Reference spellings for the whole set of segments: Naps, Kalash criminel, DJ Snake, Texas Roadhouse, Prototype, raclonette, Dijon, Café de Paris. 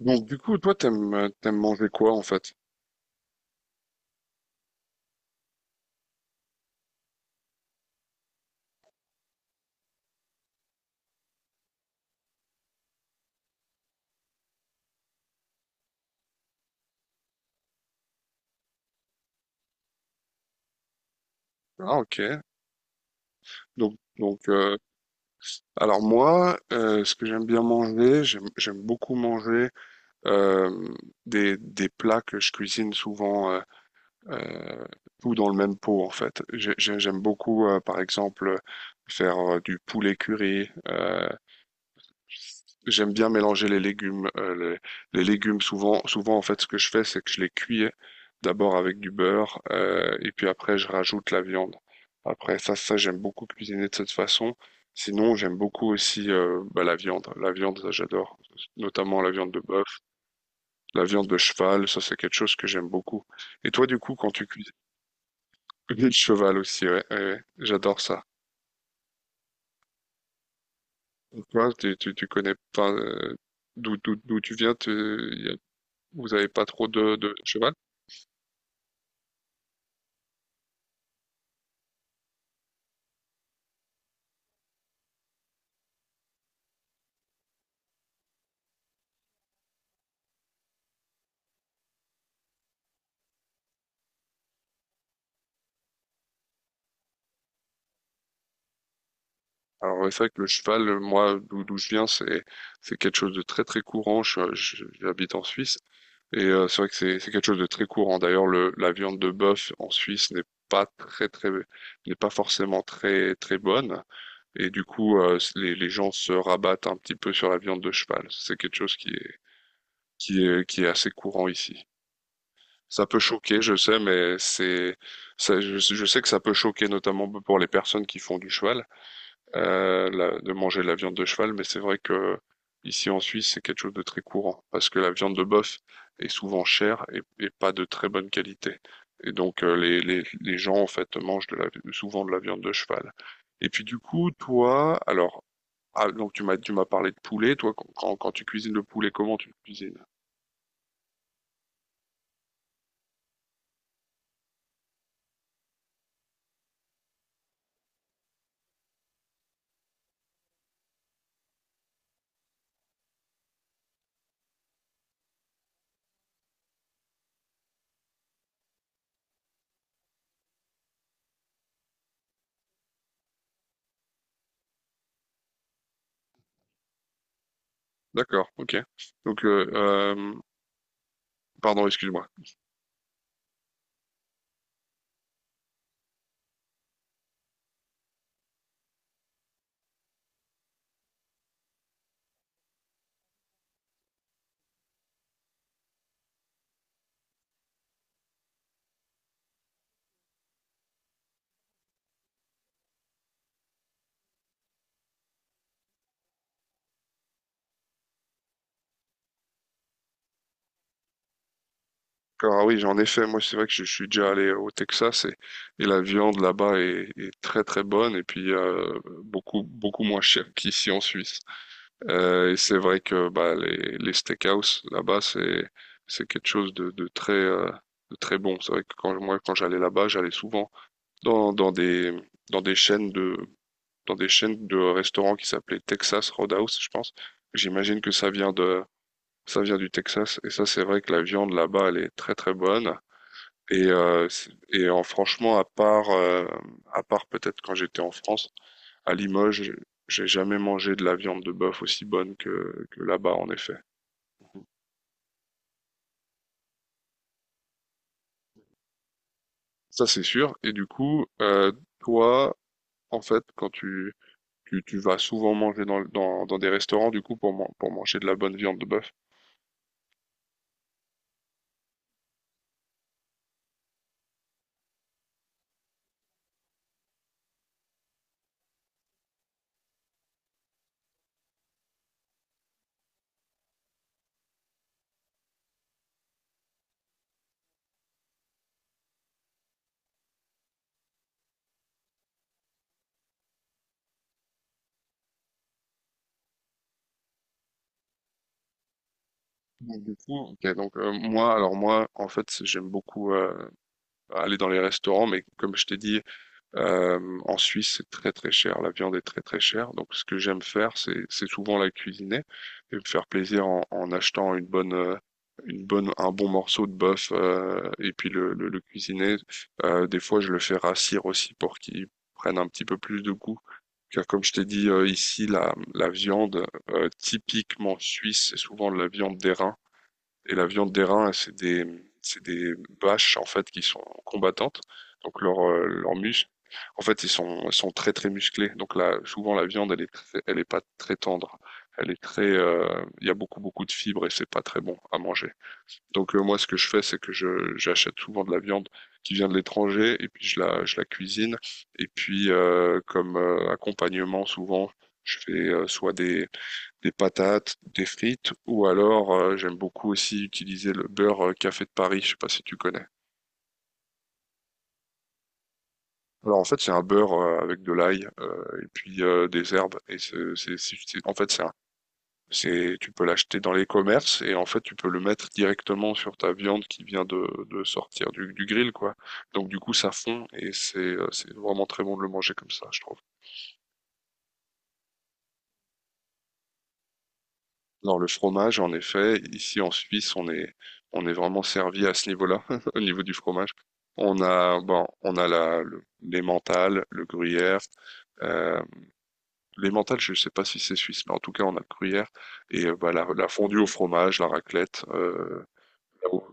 Donc du coup, toi, t'aimes manger quoi en fait? Ah ok. Donc, alors moi, ce que j'aime bien manger, j'aime beaucoup manger euh, des plats que je cuisine souvent euh, tout dans le même pot en fait. J'aime beaucoup par exemple faire du poulet curry. J'aime bien mélanger les légumes. Les légumes, souvent, souvent en fait, ce que je fais, c'est que je les cuis d'abord avec du beurre, et puis après, je rajoute la viande. Après ça, j'aime beaucoup cuisiner de cette façon. Sinon, j'aime beaucoup aussi bah, la viande. La viande, ça, j'adore, notamment la viande de bœuf, la viande de cheval. Ça, c'est quelque chose que j'aime beaucoup. Et toi, du coup, quand tu cuisines le cheval aussi, ouais, ouais, ouais, j'adore ça. Et toi, tu connais pas d'où tu viens, tu, vous n'avez pas trop de cheval? Alors c'est vrai que le cheval, moi, d'où je viens, c'est quelque chose de très très courant. Je, j'habite en Suisse et c'est vrai que c'est quelque chose de très courant. D'ailleurs, le la viande de bœuf en Suisse n'est pas très n'est pas forcément très très bonne et du coup les gens se rabattent un petit peu sur la viande de cheval. C'est quelque chose qui est assez courant ici. Ça peut choquer, je sais, mais je sais que ça peut choquer notamment pour les personnes qui font du cheval. De manger la viande de cheval, mais c'est vrai que ici en Suisse, c'est quelque chose de très courant, parce que la viande de bœuf est souvent chère et pas de très bonne qualité. Et donc les gens en fait mangent souvent de la viande de cheval. Et puis du coup, toi, alors, ah, donc tu m'as parlé de poulet, toi, quand tu cuisines le poulet, comment tu le cuisines? D'accord, ok. Donc, euh, euh, pardon, excuse-moi. Alors, ah oui, en effet, moi c'est vrai que je suis déjà allé au Texas et la viande là-bas est très très bonne et puis beaucoup beaucoup moins chère qu'ici en Suisse. Et c'est vrai que bah, les steakhouse là-bas c'est quelque chose de très bon. C'est vrai que quand j'allais là-bas, j'allais souvent dans, dans des dans des chaînes de dans des chaînes de restaurants qui s'appelaient Texas Roadhouse, je pense. J'imagine que ça vient du Texas et ça c'est vrai que la viande là-bas elle est très très bonne. Et en, franchement, à part peut-être quand j'étais en France, à Limoges, j'ai jamais mangé de la viande de bœuf aussi bonne que là-bas, en effet. Ça, c'est sûr. Et du coup, toi, en fait, tu vas souvent manger dans des restaurants, du coup, pour manger de la bonne viande de bœuf. Ok. Alors moi, en fait, j'aime beaucoup aller dans les restaurants, mais comme je t'ai dit, en Suisse, c'est très très cher, la viande est très très chère. Donc ce que j'aime faire, c'est souvent la cuisiner et me faire plaisir en achetant une bonne un bon morceau de bœuf et puis le cuisiner. Des fois, je le fais rassir aussi pour qu'il prenne un petit peu plus de goût. Car comme je t'ai dit ici, la viande typiquement suisse, c'est souvent de la viande d'airain. Et la viande des reins, c'est des vaches en fait qui sont combattantes. Donc leurs muscles, en fait, ils sont très très musclés. Donc là, souvent la viande, elle est pas très tendre. Elle est très, il y a beaucoup beaucoup de fibres et c'est pas très bon à manger. Donc moi, ce que je fais, c'est que j'achète souvent de la viande qui vient de l'étranger et puis je la cuisine. Et puis comme accompagnement, souvent, je fais soit des patates, des frites, ou alors j'aime beaucoup aussi utiliser le beurre café de Paris, je sais pas si tu connais. Alors en fait c'est un beurre avec de l'ail et puis des herbes et en fait c'est tu peux l'acheter dans les commerces et en fait tu peux le mettre directement sur ta viande qui vient de sortir du grill quoi. Donc du coup ça fond et c'est vraiment très bon de le manger comme ça, je trouve. Dans le fromage, en effet, ici en Suisse, on est vraiment servi à ce niveau-là, au niveau du fromage. On a, bon, on a l'emmental, le gruyère. Euh, L'emmental, je ne sais pas si c'est suisse, mais en tout cas, on a le gruyère. Et bah, la fondue au fromage, la raclette. Là-haut.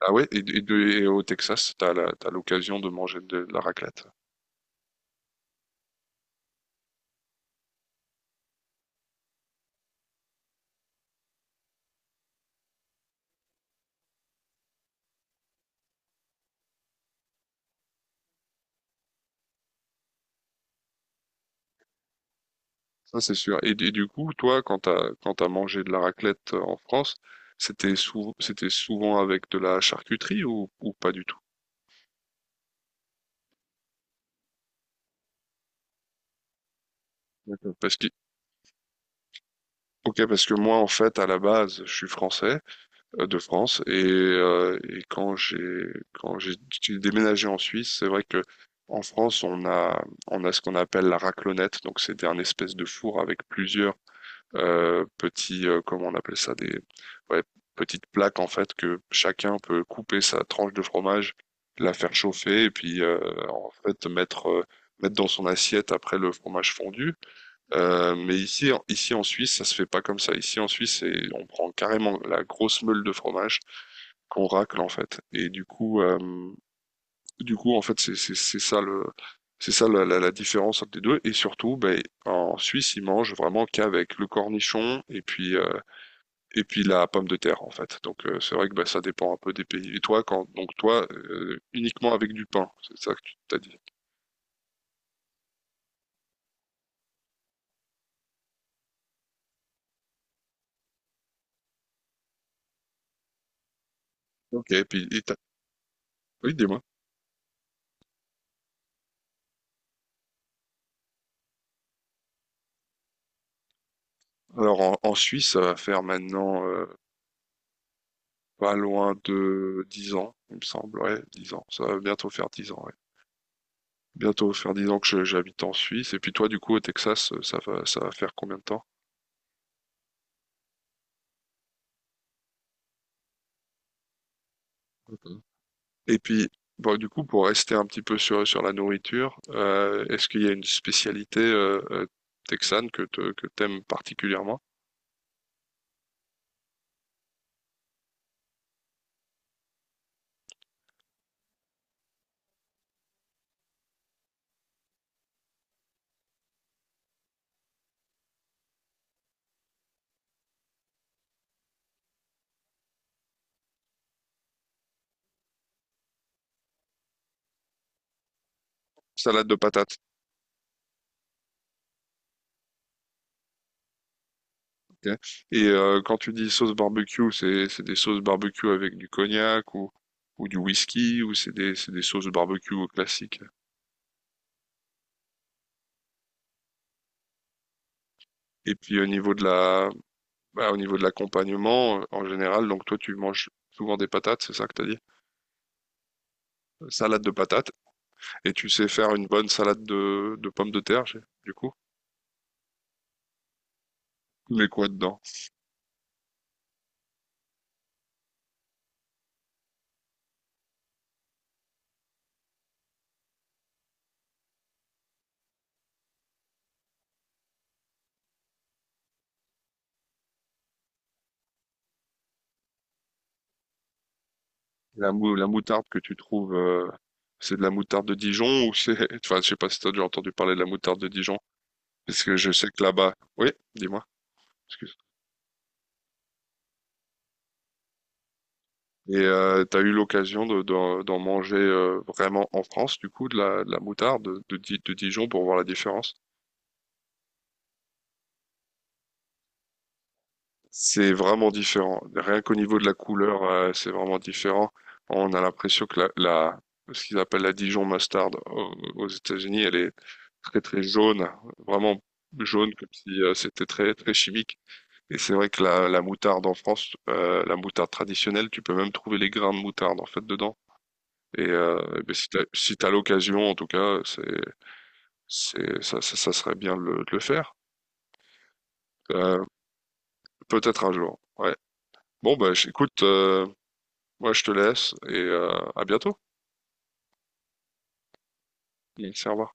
Ah ouais, et au Texas, tu as l'occasion de manger de la raclette? Ça, c'est sûr. Et du coup, toi, quand t'as mangé de la raclette en France, c'était souvent avec de la charcuterie ou pas du tout? D'accord. Ok, parce que moi, en fait, à la base, je suis français, de France, et quand j'ai déménagé en Suisse, c'est vrai que en France, on a ce qu'on appelle la raclonette, donc c'est un espèce de four avec plusieurs comment on appelle ça, ouais, petites plaques en fait que chacun peut couper sa tranche de fromage, la faire chauffer et puis en fait mettre dans son assiette après le fromage fondu. Mais ici en Suisse ça se fait pas comme ça. Ici en Suisse on prend carrément la grosse meule de fromage qu'on racle en fait. Et du coup en fait c'est ça le c'est ça la différence entre les deux. Et surtout, ben, en Suisse, ils mangent vraiment qu'avec le cornichon et puis la pomme de terre en fait. Donc c'est vrai que bah, ça dépend un peu des pays. Et toi, quand donc toi uniquement avec du pain, c'est ça que tu t'as dit. Ok. Oui, dis-moi. Alors en Suisse, ça va faire maintenant pas loin de 10 ans, il me semble. Ouais, 10 ans. Ça va bientôt faire 10 ans. Ouais. Bientôt faire 10 ans que j'habite en Suisse. Et puis toi, du coup, au Texas, ça va faire combien de temps? Et puis, bon, du coup, pour rester un petit peu sur la nourriture, est-ce qu'il y a une spécialité texane que t'aimes particulièrement? Salade de patates. Ok. Et quand tu dis sauce barbecue, c'est des sauces barbecue avec du cognac ou du whisky ou c'est des sauces barbecue classiques. Et puis au niveau bah, au niveau de l'accompagnement, en général, donc toi tu manges souvent des patates, c'est ça que t'as dit? Salade de patates. Et tu sais faire une bonne salade de pommes de terre, du coup? Mais quoi dedans? La moutarde que tu trouves, c'est de la moutarde de Dijon ou c'est... Enfin, je sais pas si t'as déjà entendu parler de la moutarde de Dijon, parce que je sais que là-bas... Oui, dis-moi, excuse. Et t'as eu l'occasion de, d'en manger vraiment en France, du coup, de la moutarde de, de Dijon pour voir la différence? C'est vraiment différent. Rien qu'au niveau de la couleur, c'est vraiment différent. On a l'impression que ce qu'ils appellent la Dijon mustard aux États-Unis, elle est très très jaune, vraiment jaune comme si c'était très très chimique. Et c'est vrai que la moutarde en France, la moutarde traditionnelle, tu peux même trouver les grains de moutarde en fait dedans. Et eh ben, si t'as l'occasion, en tout cas, ça serait bien de le faire. Euh, Peut-être un jour. Ouais. Bon, bah, écoute, ouais, je te laisse et à bientôt. Serva.